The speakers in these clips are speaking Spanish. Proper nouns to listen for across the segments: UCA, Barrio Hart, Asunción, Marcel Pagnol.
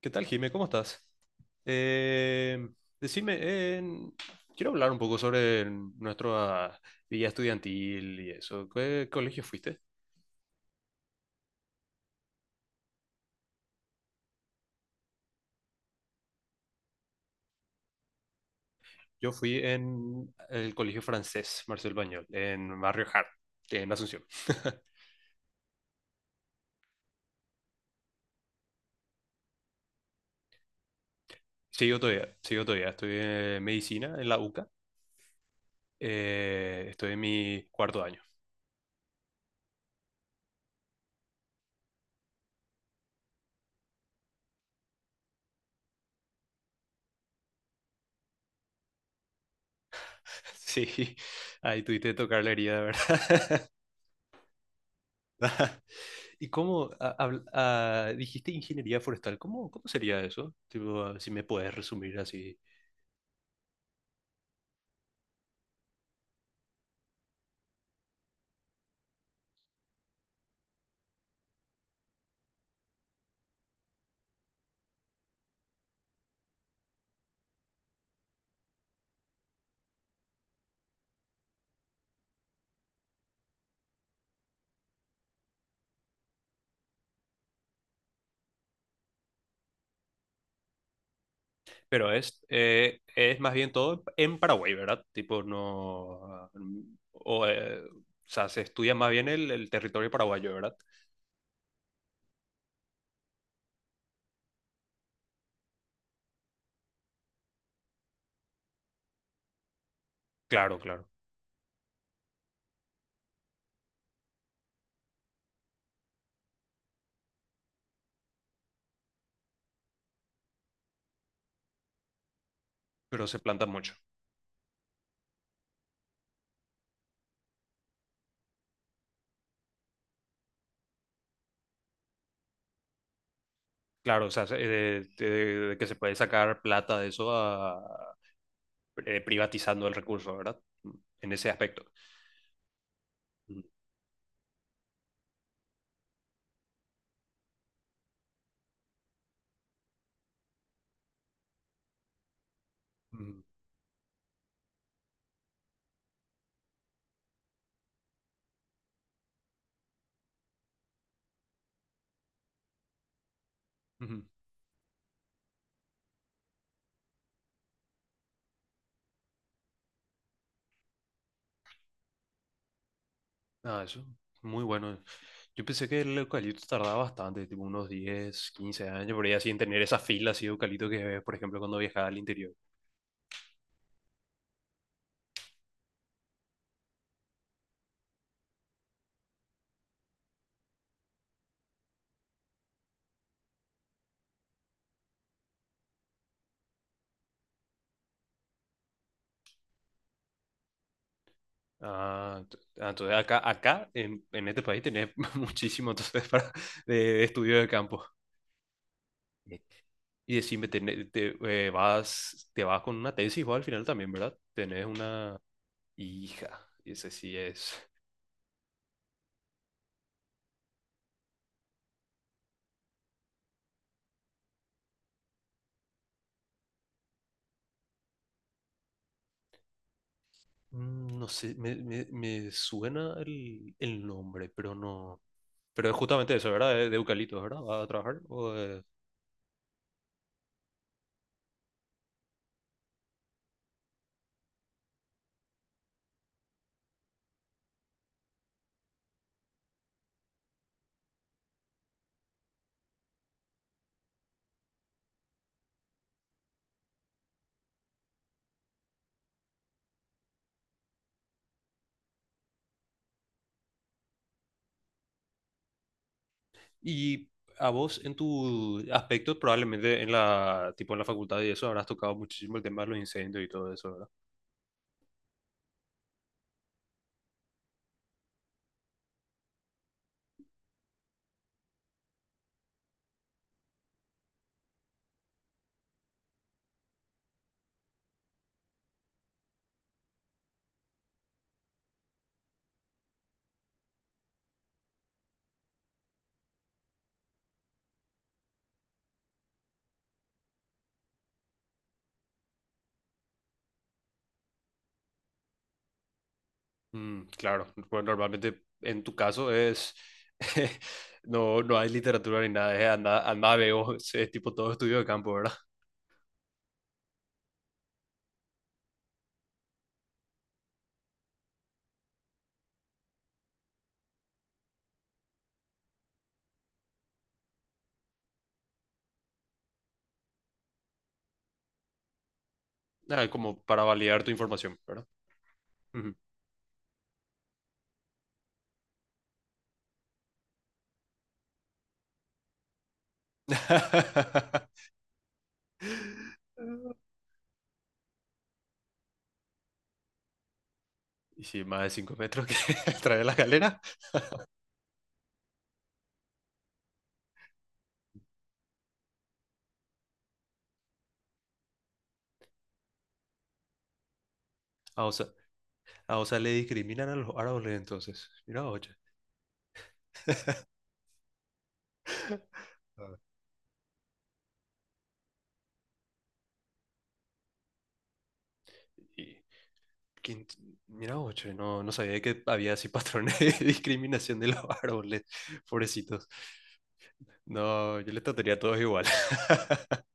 ¿Qué tal, Jime? ¿Cómo estás? Eh, Decime, quiero hablar un poco sobre nuestra vida estudiantil y eso. ¿Qué colegio fuiste? Yo fui en el colegio francés Marcel Pagnol, en Barrio Hart, en Asunción. Sigo todavía, sigo todavía. Estudié medicina en la UCA. Estoy en mi cuarto año. Sí, ahí tuviste que tocar la herida, ¿verdad? ¿Y cómo dijiste ingeniería forestal? ¿Cómo sería eso? Tipo, si me puedes resumir así. Pero es más bien todo en Paraguay, ¿verdad? Tipo, no... O sea, se estudia más bien el territorio paraguayo, ¿verdad? Claro, claro. Pero se planta mucho. Claro, o sea, que se puede sacar plata de eso, privatizando el recurso, ¿verdad? Mm, En ese aspecto. Mm, mm, ujú. Ah, eso, muy bueno. Yo pensé que el eucalipto tardaba bastante, tipo unos 10 15 años, por ahí así en tener esa fila así de eucalipto que ves, por ejemplo, cuando viajaba al interior. Entonces acá, en este país tenés muchísimo entonces para, de estudio de campo. Sí. Y decime, te vas con una tesis vos al final también, ¿verdad? Tenés una hija, y ese sí es... No sé, me suena el nombre, pero no. Pero es justamente eso, ¿verdad? De eucaliptos, ¿verdad? ¿Vas a trabajar? Y a vos, en tu aspecto, probablemente en la, tipo en la facultad y eso, habrás tocado muchísimo el tema de los incendios y todo eso, ¿verdad? Claro, pues normalmente en tu caso es... No, no hay literatura ni nada, es anda, anda, veo, es tipo todo estudio de campo, ¿verdad? Ah, como para validar tu información, ¿verdad? Ujú. Y si más de 5 metros que trae la galera. Ah, o sea, Ah, o sea, le discriminan a los árboles entonces. Mira, oye. Ah, y, quin- mira, oye, no, no sabía que había así patrones de discriminación de los árboles, pobrecitos. No, yo les trataría a todos igual.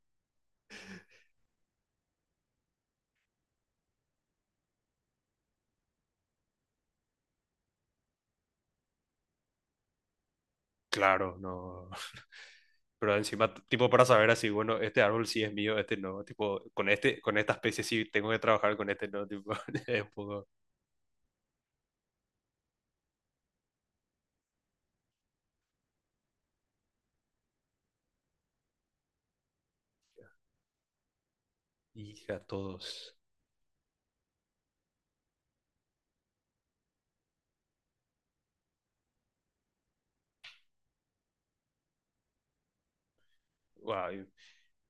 Claro, no. Pero encima, tipo, para saber así, bueno, este árbol sí es mío, este no. Tipo, con este, con esta especie sí tengo que trabajar, con este no. Tipo, es un poco. Hija, todos. Guau,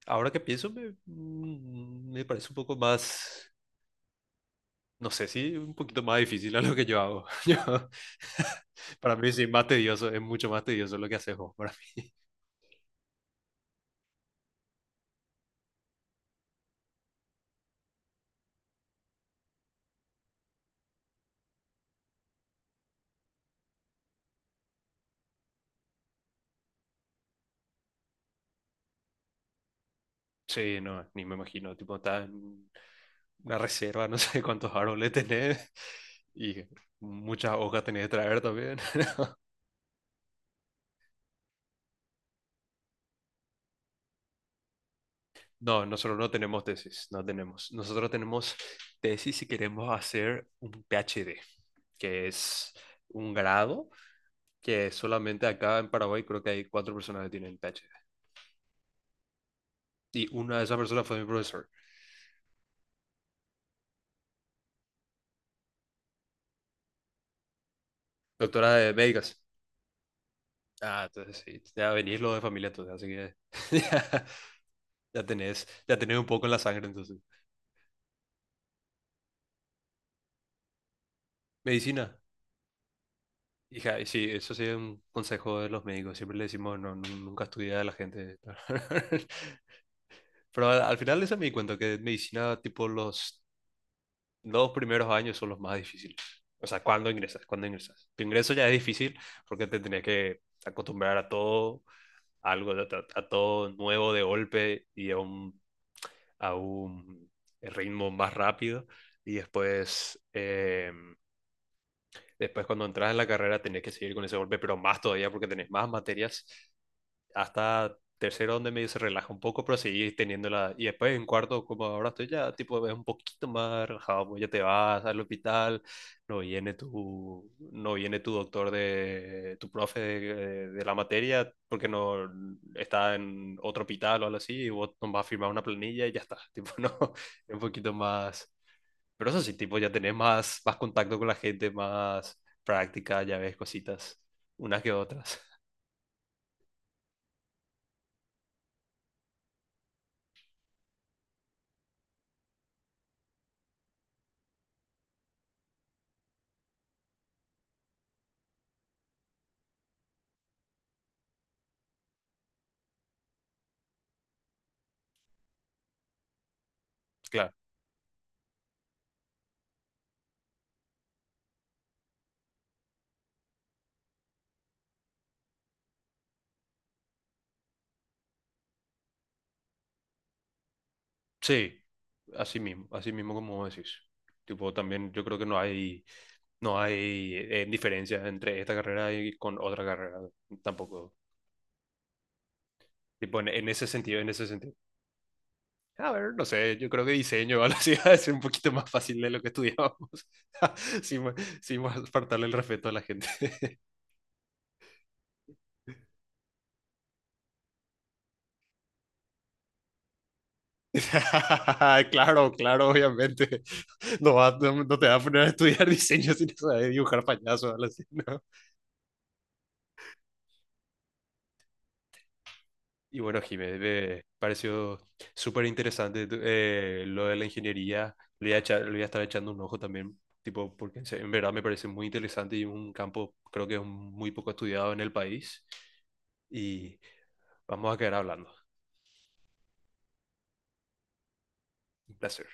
ahora que pienso, me parece un poco más. No sé si un poquito más difícil a lo que yo hago. Para mí sí, más tedioso, es mucho más tedioso lo que haces vos para mí. Sí, no, ni me imagino, tipo, está en una reserva, no sé cuántos árboles tenés y muchas hojas tenés que traer también. No, nosotros no tenemos tesis, no tenemos. Nosotros tenemos tesis si queremos hacer un PhD, que es un grado que solamente acá en Paraguay creo que hay cuatro personas que tienen PhD. Y una de esas personas fue mi profesor. Doctora de médicas. Ah, entonces sí, ya venís lo de familia, entonces, así que ya, ya tenés un poco en la sangre, entonces. Medicina. Hija, y sí, eso sí es un consejo de los médicos. Siempre le decimos, nunca estudia a la gente. Pero al final de eso me di cuenta que medicina, tipo, los dos primeros años son los más difíciles. O sea, cuando ingresas, cuando ingresas. Tu ingreso ya es difícil porque te tenés que acostumbrar a todo, algo, a todo nuevo de golpe y a un ritmo más rápido y después cuando entras en la carrera tenés que seguir con ese golpe, pero más todavía porque tenés más materias hasta tercero donde medio se relaja un poco, pero seguí teniéndola. Y después en cuarto, como ahora estoy ya, tipo, es un poquito más relajado, pues ya te vas al hospital, no viene tu doctor de, tu profe de la materia, porque no está en otro hospital o algo así, y vos no vas a firmar una planilla y ya está, tipo, no, es un poquito más... Pero eso sí, tipo, ya tenés más contacto con la gente, más práctica, ya ves cositas, unas que otras. Claro. Sí, así mismo como decís. Tipo, también yo creo que no hay diferencia entre esta carrera y con otra carrera, tampoco. Tipo, en ese sentido, en ese sentido. A ver, no sé, yo creo que diseño o algo así va a ser un poquito más fácil de lo que estudiábamos, sin, ma- sin faltarle el respeto a la gente. Claro, claro, obviamente. No, no te va a poner a estudiar diseño sin saber dibujar payasos, algo así, ¿no? Y bueno, Jiménez, me pareció súper interesante lo de la ingeniería. Le voy a estar echando un ojo también, tipo, porque en verdad me parece muy interesante y un campo creo que es muy poco estudiado en el país. Y vamos a quedar hablando. Un placer.